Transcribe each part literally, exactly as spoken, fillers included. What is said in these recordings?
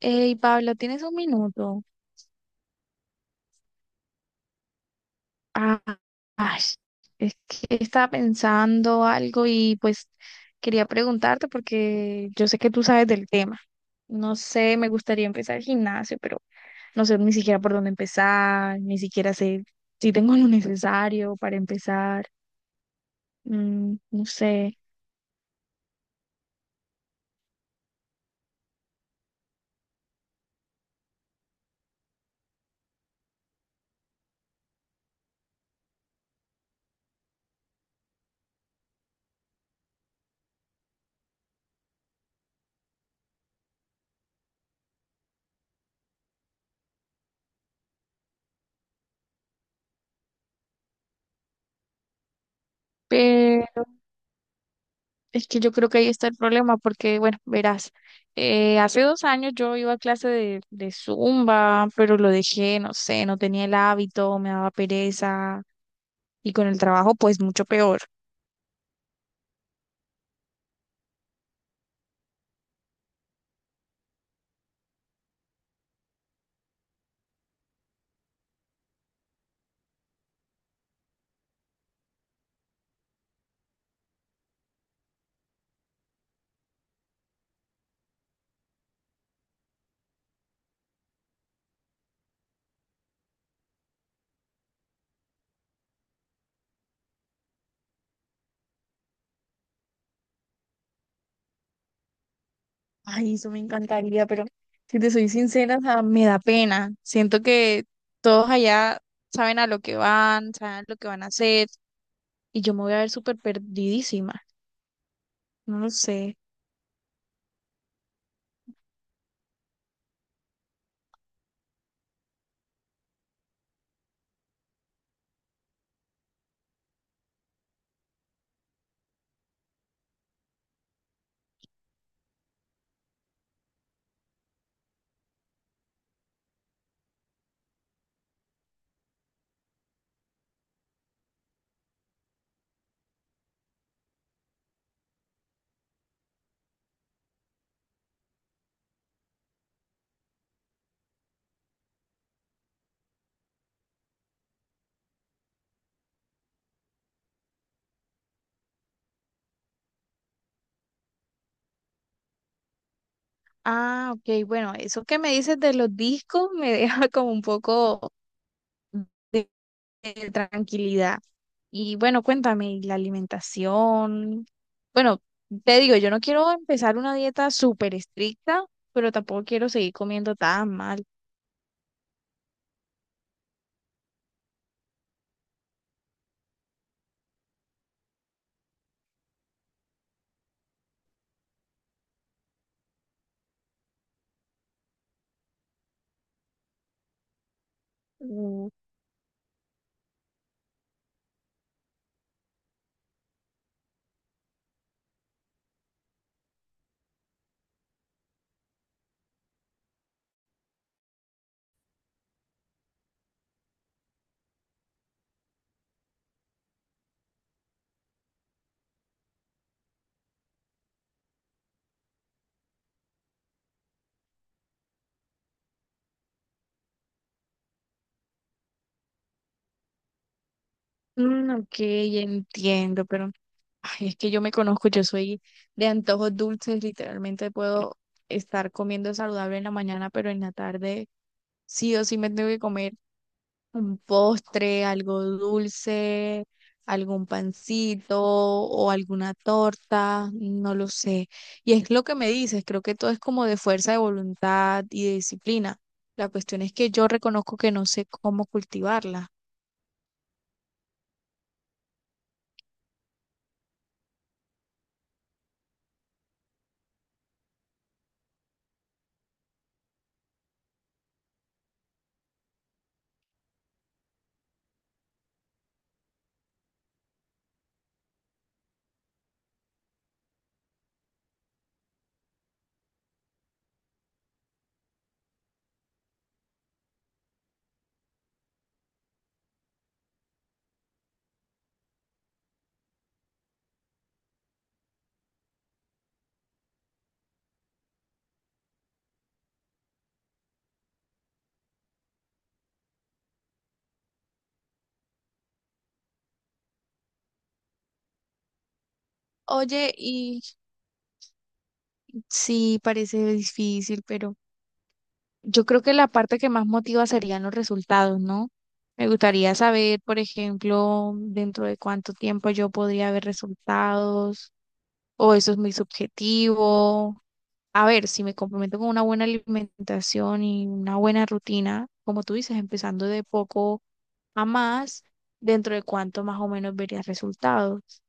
Hey, Pablo, ¿tienes un minuto? Ah, ay, es que estaba pensando algo y pues quería preguntarte porque yo sé que tú sabes del tema. No sé, me gustaría empezar el gimnasio, pero no sé ni siquiera por dónde empezar, ni siquiera sé si tengo lo necesario para empezar. Mm, no sé. Es que yo creo que ahí está el problema, porque, bueno, verás, eh, hace dos años yo iba a clase de, de Zumba, pero lo dejé, no sé, no tenía el hábito, me daba pereza, y con el trabajo, pues mucho peor. Ay, eso me encantaría, pero si te soy sincera, o sea, me da pena. Siento que todos allá saben a lo que van, saben lo que van a hacer, y yo me voy a ver súper perdidísima. No lo sé. Ah, ok, bueno, eso que me dices de los discos me deja como un poco. de, de tranquilidad. Y bueno, cuéntame, ¿y la alimentación? Bueno, te digo, yo no quiero empezar una dieta súper estricta, pero tampoco quiero seguir comiendo tan mal. Mm, mm, ok, entiendo, pero ay, es que yo me conozco, yo soy de antojos dulces, literalmente puedo estar comiendo saludable en la mañana, pero en la tarde sí o sí me tengo que comer un postre, algo dulce, algún pancito o alguna torta, no lo sé. Y es lo que me dices, creo que todo es como de fuerza de voluntad y de disciplina. La cuestión es que yo reconozco que no sé cómo cultivarla. Oye, y sí, parece difícil, pero yo creo que la parte que más motiva serían los resultados, ¿no? Me gustaría saber, por ejemplo, dentro de cuánto tiempo yo podría ver resultados o eso es muy subjetivo. A ver, si me comprometo con una buena alimentación y una buena rutina, como tú dices, empezando de poco a más, dentro de cuánto más o menos verías resultados.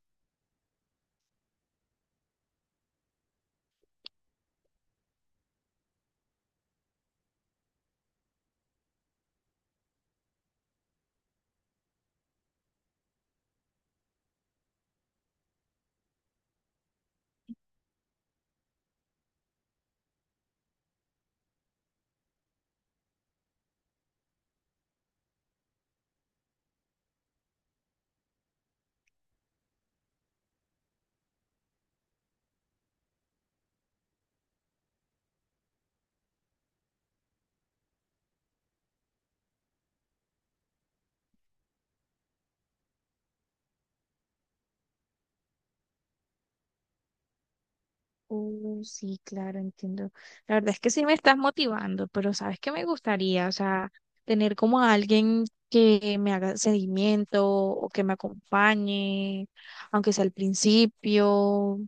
Uh, sí, claro, entiendo. La verdad es que sí me estás motivando, pero sabes que me gustaría, o sea, tener como a alguien que me haga seguimiento o que me acompañe, aunque sea al principio.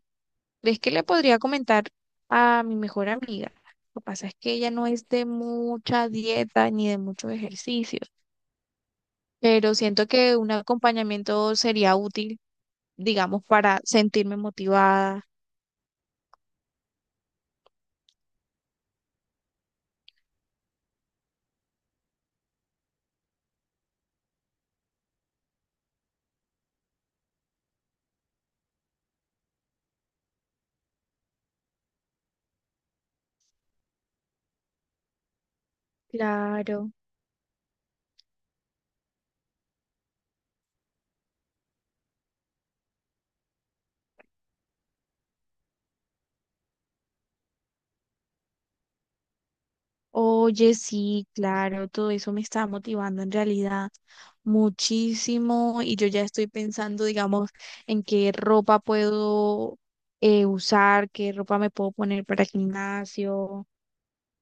¿Crees que le podría comentar a mi mejor amiga? Lo que pasa es que ella no es de mucha dieta ni de muchos ejercicios, pero siento que un acompañamiento sería útil, digamos, para sentirme motivada. Claro. Oye, sí, claro, todo eso me está motivando en realidad muchísimo y yo ya estoy pensando, digamos, en qué ropa puedo eh, usar, qué ropa me puedo poner para el gimnasio.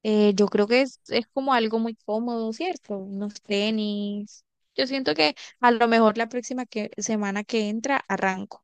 Eh, yo creo que es, es como algo muy cómodo, ¿cierto? Unos tenis. Yo siento que a lo mejor la próxima que, semana que entra arranco.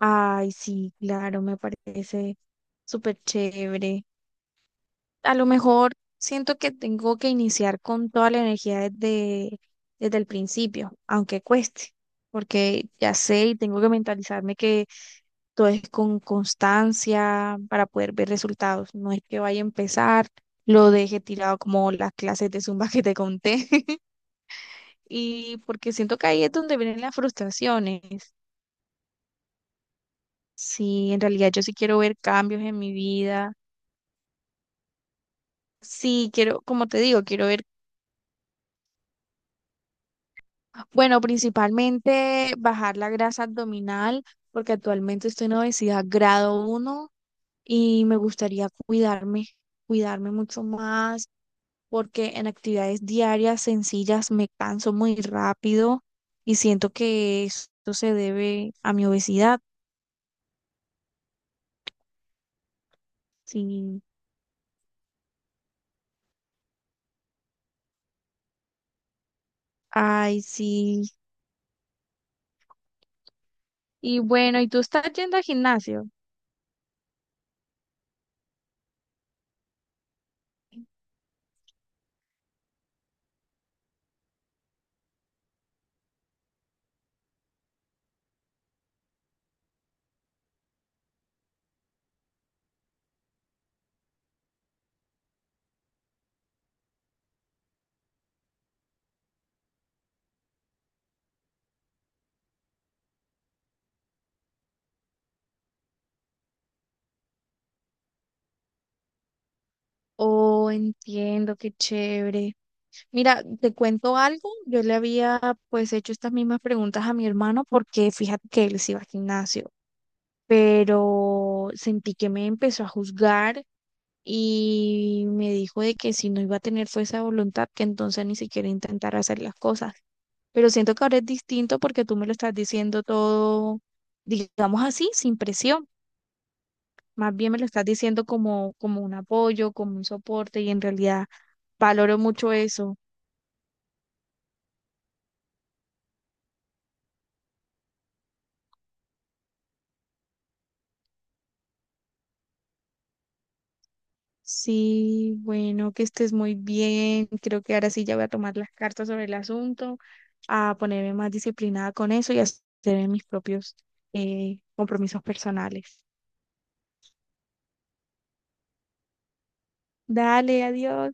Ay, sí, claro, me parece súper chévere. A lo mejor siento que tengo que iniciar con toda la energía desde, desde el principio, aunque cueste, porque ya sé y tengo que mentalizarme que todo es con constancia para poder ver resultados. No es que vaya a empezar, lo deje tirado como las clases de Zumba que te conté. Y porque siento que ahí es donde vienen las frustraciones. Si en realidad yo sí quiero ver cambios en mi vida. Sí, quiero, como te digo, quiero ver. Bueno, principalmente bajar la grasa abdominal, porque actualmente estoy en obesidad grado uno y me gustaría cuidarme, cuidarme mucho más, porque en actividades diarias sencillas me canso muy rápido y siento que esto se debe a mi obesidad. Sí, ay, sí. Y bueno, ¿y tú estás yendo al gimnasio? Oh, entiendo, qué chévere. Mira, te cuento algo. Yo le había pues hecho estas mismas preguntas a mi hermano porque fíjate que él sí iba al gimnasio, pero sentí que me empezó a juzgar y me dijo de que si no iba a tener fuerza de voluntad, que entonces ni siquiera intentara hacer las cosas. Pero siento que ahora es distinto porque tú me lo estás diciendo todo, digamos así, sin presión. Más bien me lo estás diciendo como, como un apoyo, como un soporte y en realidad valoro mucho eso. Sí, bueno, que estés muy bien. Creo que ahora sí ya voy a tomar las cartas sobre el asunto, a ponerme más disciplinada con eso y a hacer mis propios eh, compromisos personales. Dale, adiós.